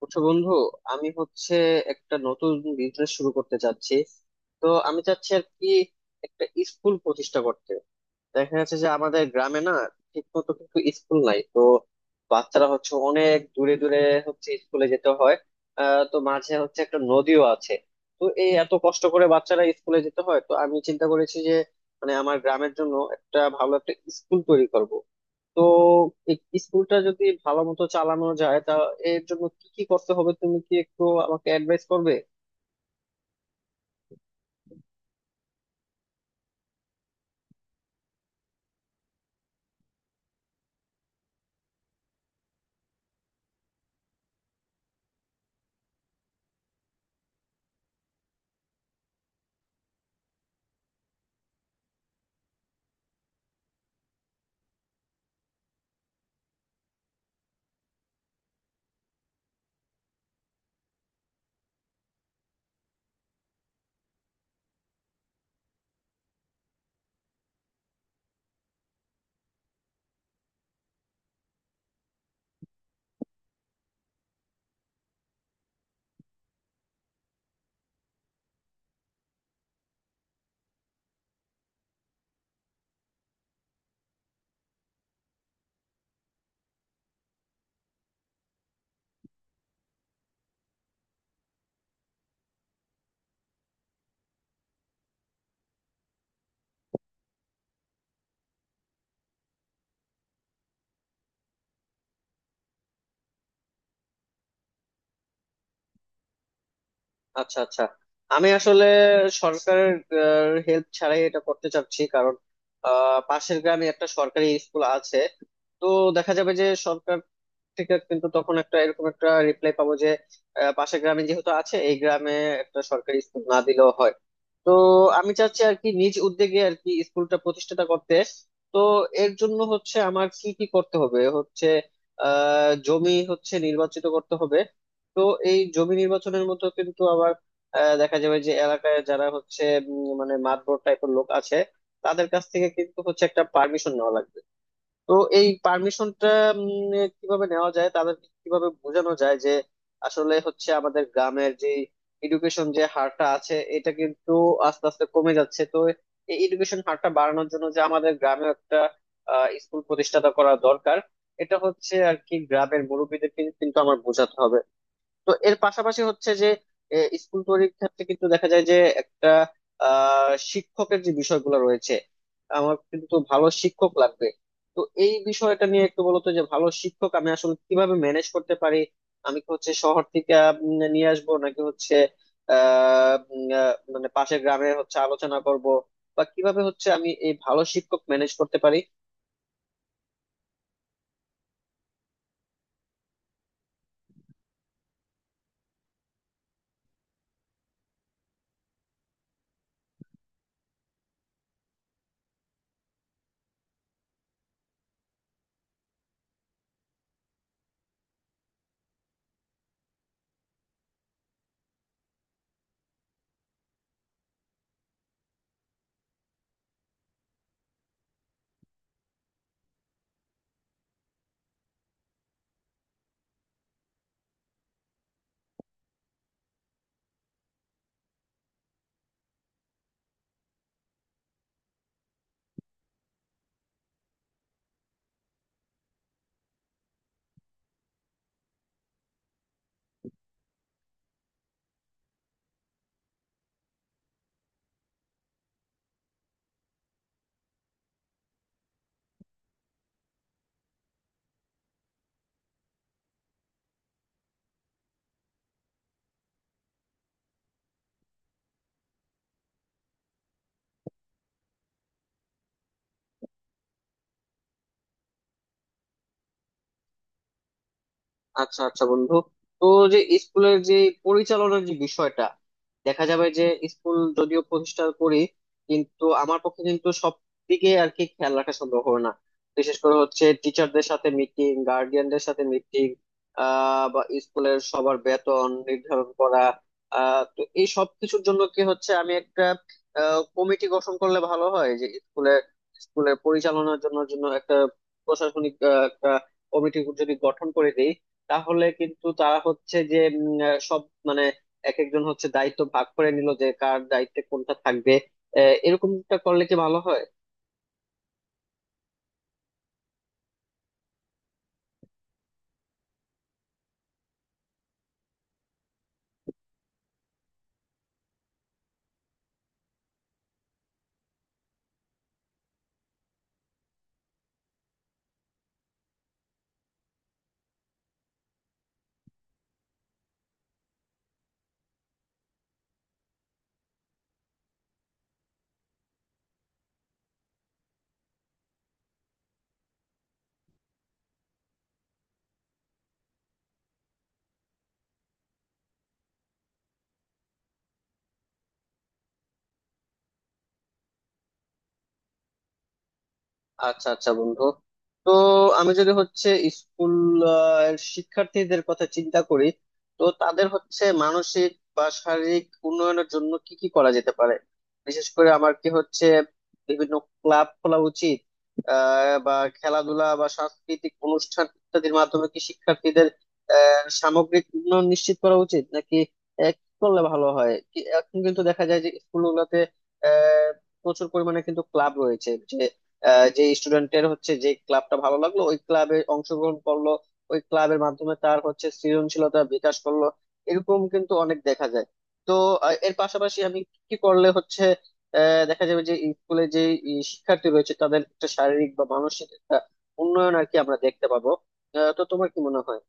বুঝছো বন্ধু, আমি একটা নতুন বিজনেস শুরু করতে চাচ্ছি। তো আমি চাচ্ছি আর কি একটা স্কুল প্রতিষ্ঠা করতে। দেখা যাচ্ছে যে আমাদের গ্রামে না ঠিক মতো কিন্তু স্কুল নাই, তো বাচ্চারা অনেক দূরে দূরে স্কুলে যেতে হয়। তো মাঝে একটা নদীও আছে। তো এই এত কষ্ট করে বাচ্চারা স্কুলে যেতে হয়, তো আমি চিন্তা করেছি যে মানে আমার গ্রামের জন্য একটা ভালো একটা স্কুল তৈরি করব। তো এই স্কুলটা যদি ভালো মতো চালানো যায়, তা এর জন্য কি কি করতে হবে তুমি কি একটু আমাকে অ্যাডভাইস করবে? আচ্ছা, আচ্ছা। আমি আসলে সরকারের হেল্প ছাড়াই এটা করতে চাচ্ছি, কারণ পাশের গ্রামে একটা সরকারি স্কুল আছে। তো দেখা যাবে যে সরকার থেকে কিন্তু তখন একটা এরকম একটা রিপ্লাই পাবো যে পাশের গ্রামে যেহেতু আছে, এই গ্রামে একটা সরকারি স্কুল না দিলেও হয়। তো আমি চাচ্ছি আর কি নিজ উদ্যোগে আর কি স্কুলটা প্রতিষ্ঠাতা করতে। তো এর জন্য আমার কি কি করতে হবে, হচ্ছে আহ জমি নির্বাচিত করতে হবে। তো এই জমি নির্বাচনের মতো কিন্তু আবার দেখা যাবে যে এলাকায় যারা মানে মাতব্বর টাইপের লোক আছে, তাদের কাছ থেকে কিন্তু একটা পারমিশন নেওয়া লাগবে। তো এই পারমিশনটা কিভাবে নেওয়া যায়, তাদেরকে কিভাবে বোঝানো যায় যে আসলে আমাদের গ্রামের যে এডুকেশন যে হারটা আছে এটা কিন্তু আস্তে আস্তে কমে যাচ্ছে। তো এই এডুকেশন হারটা বাড়ানোর জন্য যে আমাদের গ্রামে একটা স্কুল প্রতিষ্ঠাতা করা দরকার, এটা আর কি গ্রামের মুরব্বীদেরকে কিন্তু আমার বোঝাতে হবে। তো এর পাশাপাশি এ, স্কুল তৈরির ক্ষেত্রে কিন্তু দেখা যায় যে একটা শিক্ষকের যে বিষয়গুলো রয়েছে, আমার কিন্তু ভালো শিক্ষক লাগবে। তো এই বিষয়টা নিয়ে একটু বলতো যে ভালো শিক্ষক আমি আসলে কিভাবে ম্যানেজ করতে পারি। আমি কি শহর থেকে নিয়ে আসবো, নাকি হচ্ছে আহ উম, আহ, মানে পাশের গ্রামে আলোচনা করব, বা কিভাবে আমি এই ভালো শিক্ষক ম্যানেজ করতে পারি? আচ্ছা, আচ্ছা বন্ধু। তো যে স্কুলের যে পরিচালনার যে বিষয়টা, দেখা যাবে যে স্কুল যদিও প্রতিষ্ঠা করি, কিন্তু আমার পক্ষে কিন্তু সব দিকে আর কি খেয়াল রাখা সম্ভব হবে না। বিশেষ করে টিচারদের সাথে মিটিং, গার্ডিয়ানদের সাথে মিটিং, বা স্কুলের সবার বেতন নির্ধারণ করা। তো এই সব কিছুর জন্য কি আমি একটা কমিটি গঠন করলে ভালো হয়? যে স্কুলের স্কুলের পরিচালনার জন্য জন্য একটা প্রশাসনিক একটা কমিটি যদি গঠন করে দিই, তাহলে কিন্তু তারা হচ্ছে যে উম, আহ, সব মানে এক একজন দায়িত্ব ভাগ করে নিল যে কার দায়িত্বে কোনটা থাকবে। এরকমটা করলে কি ভালো হয়? আচ্ছা, আচ্ছা বন্ধু। তো আমি যদি স্কুল আহ, শিক্ষার্থীদের কথা চিন্তা করি, তো তাদের মানসিক বা শারীরিক উন্নয়নের জন্য কি কি করা যেতে পারে? বিশেষ করে আমার কি বিভিন্ন ক্লাব খোলা উচিত, বা খেলাধুলা বা সাংস্কৃতিক অনুষ্ঠান ইত্যাদির মাধ্যমে কি শিক্ষার্থীদের সামগ্রিক উন্নয়ন নিশ্চিত করা উচিত, নাকি কি করলে ভালো হয়? এখন কিন্তু দেখা যায় যে স্কুলগুলোতে আহ প্রচুর পরিমাণে কিন্তু ক্লাব রয়েছে। যে স্টুডেন্টের যে ক্লাবটা ভালো লাগলো, ওই ক্লাবে অংশগ্রহণ করলো, ওই ক্লাবের মাধ্যমে তার সৃজনশীলতা বিকাশ করলো, এরকম কিন্তু অনেক দেখা যায়। তো এর পাশাপাশি আমি কি করলে দেখা যাবে যে স্কুলে যে শিক্ষার্থী রয়েছে তাদের একটা শারীরিক বা মানসিক একটা উন্নয়ন আর কি আমরা দেখতে পাবো। তো তোমার কি মনে হয়?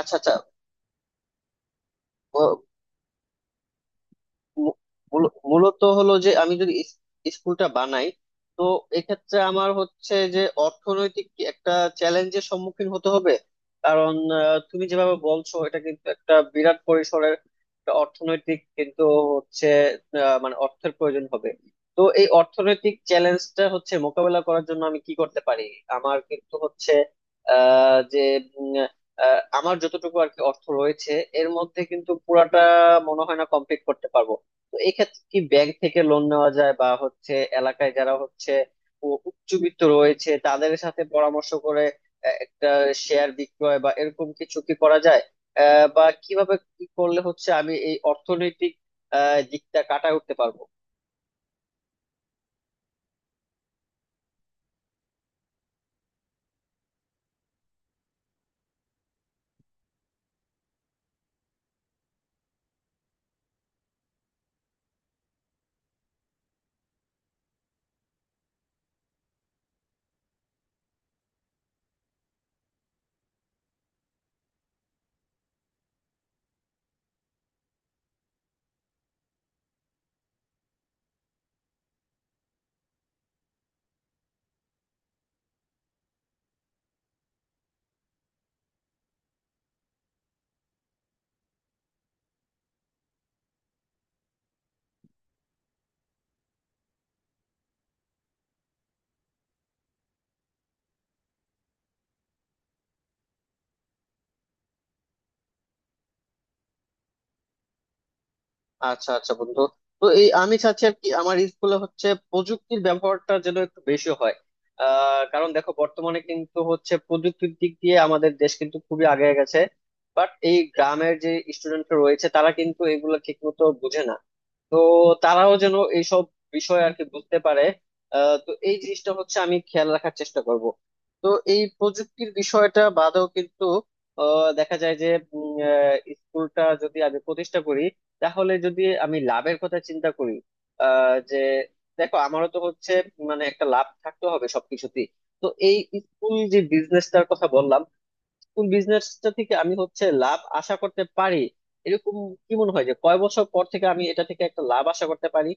আচ্ছা, আচ্ছা। মূ- মূলত হলো যে আমি যদি স্কুলটা বানাই, তো এক্ষেত্রে আমার যে অর্থনৈতিক একটা চ্যালেঞ্জের সম্মুখীন হতে হবে। কারণ তুমি যেভাবে বলছো এটা কিন্তু একটা বিরাট পরিসরের একটা অর্থনৈতিক কিন্তু হচ্ছে মানে অর্থের প্রয়োজন হবে। তো এই অর্থনৈতিক চ্যালেঞ্জটা মোকাবেলা করার জন্য আমি কি করতে পারি? আমার কিন্তু হচ্ছে আহ যে উম, আহ, আমার যতটুকু আর কি অর্থ রয়েছে এর মধ্যে কিন্তু পুরাটা মনে হয় না কমপ্লিট করতে পারবো। তো এক্ষেত্রে কি ব্যাংক থেকে লোন নেওয়া যায়, বা এলাকায় যারা উচ্চবিত্ত রয়েছে তাদের সাথে পরামর্শ করে একটা শেয়ার বিক্রয় বা এরকম কিছু কি করা যায়? বা কিভাবে কি করলে আমি এই অর্থনৈতিক দিকটা কাটায় উঠতে পারবো? আচ্ছা, আচ্ছা বন্ধু। তো এই আমি চাচ্ছি আর কি আমার স্কুলে প্রযুক্তির ব্যবহারটা যেন একটু বেশি হয়। কারণ দেখো, বর্তমানে কিন্তু প্রযুক্তির দিক দিয়ে আমাদের দেশ কিন্তু খুবই আগে গেছে। বাট এই গ্রামের যে স্টুডেন্ট রয়েছে তারা কিন্তু এগুলো ঠিক মতো বুঝে না। তো তারাও যেন এইসব বিষয় আর কি বুঝতে পারে, তো এই জিনিসটা আমি খেয়াল রাখার চেষ্টা করব। তো এই প্রযুক্তির বিষয়টা বাদেও কিন্তু দেখা যায় যে উম, আহ, স্কুলটা যদি আমি প্রতিষ্ঠা করি, তাহলে যদি আমি লাভের কথা চিন্তা করি, যে দেখো, আমারও তো মানে একটা লাভ থাকতে হবে সবকিছুতেই। তো এই স্কুল যে বিজনেসটার কথা বললাম, কোন বিজনেসটা থেকে আমি লাভ আশা করতে পারি এরকম, কি মনে হয় যে কয় বছর পর থেকে আমি এটা থেকে একটা লাভ আশা করতে পারি?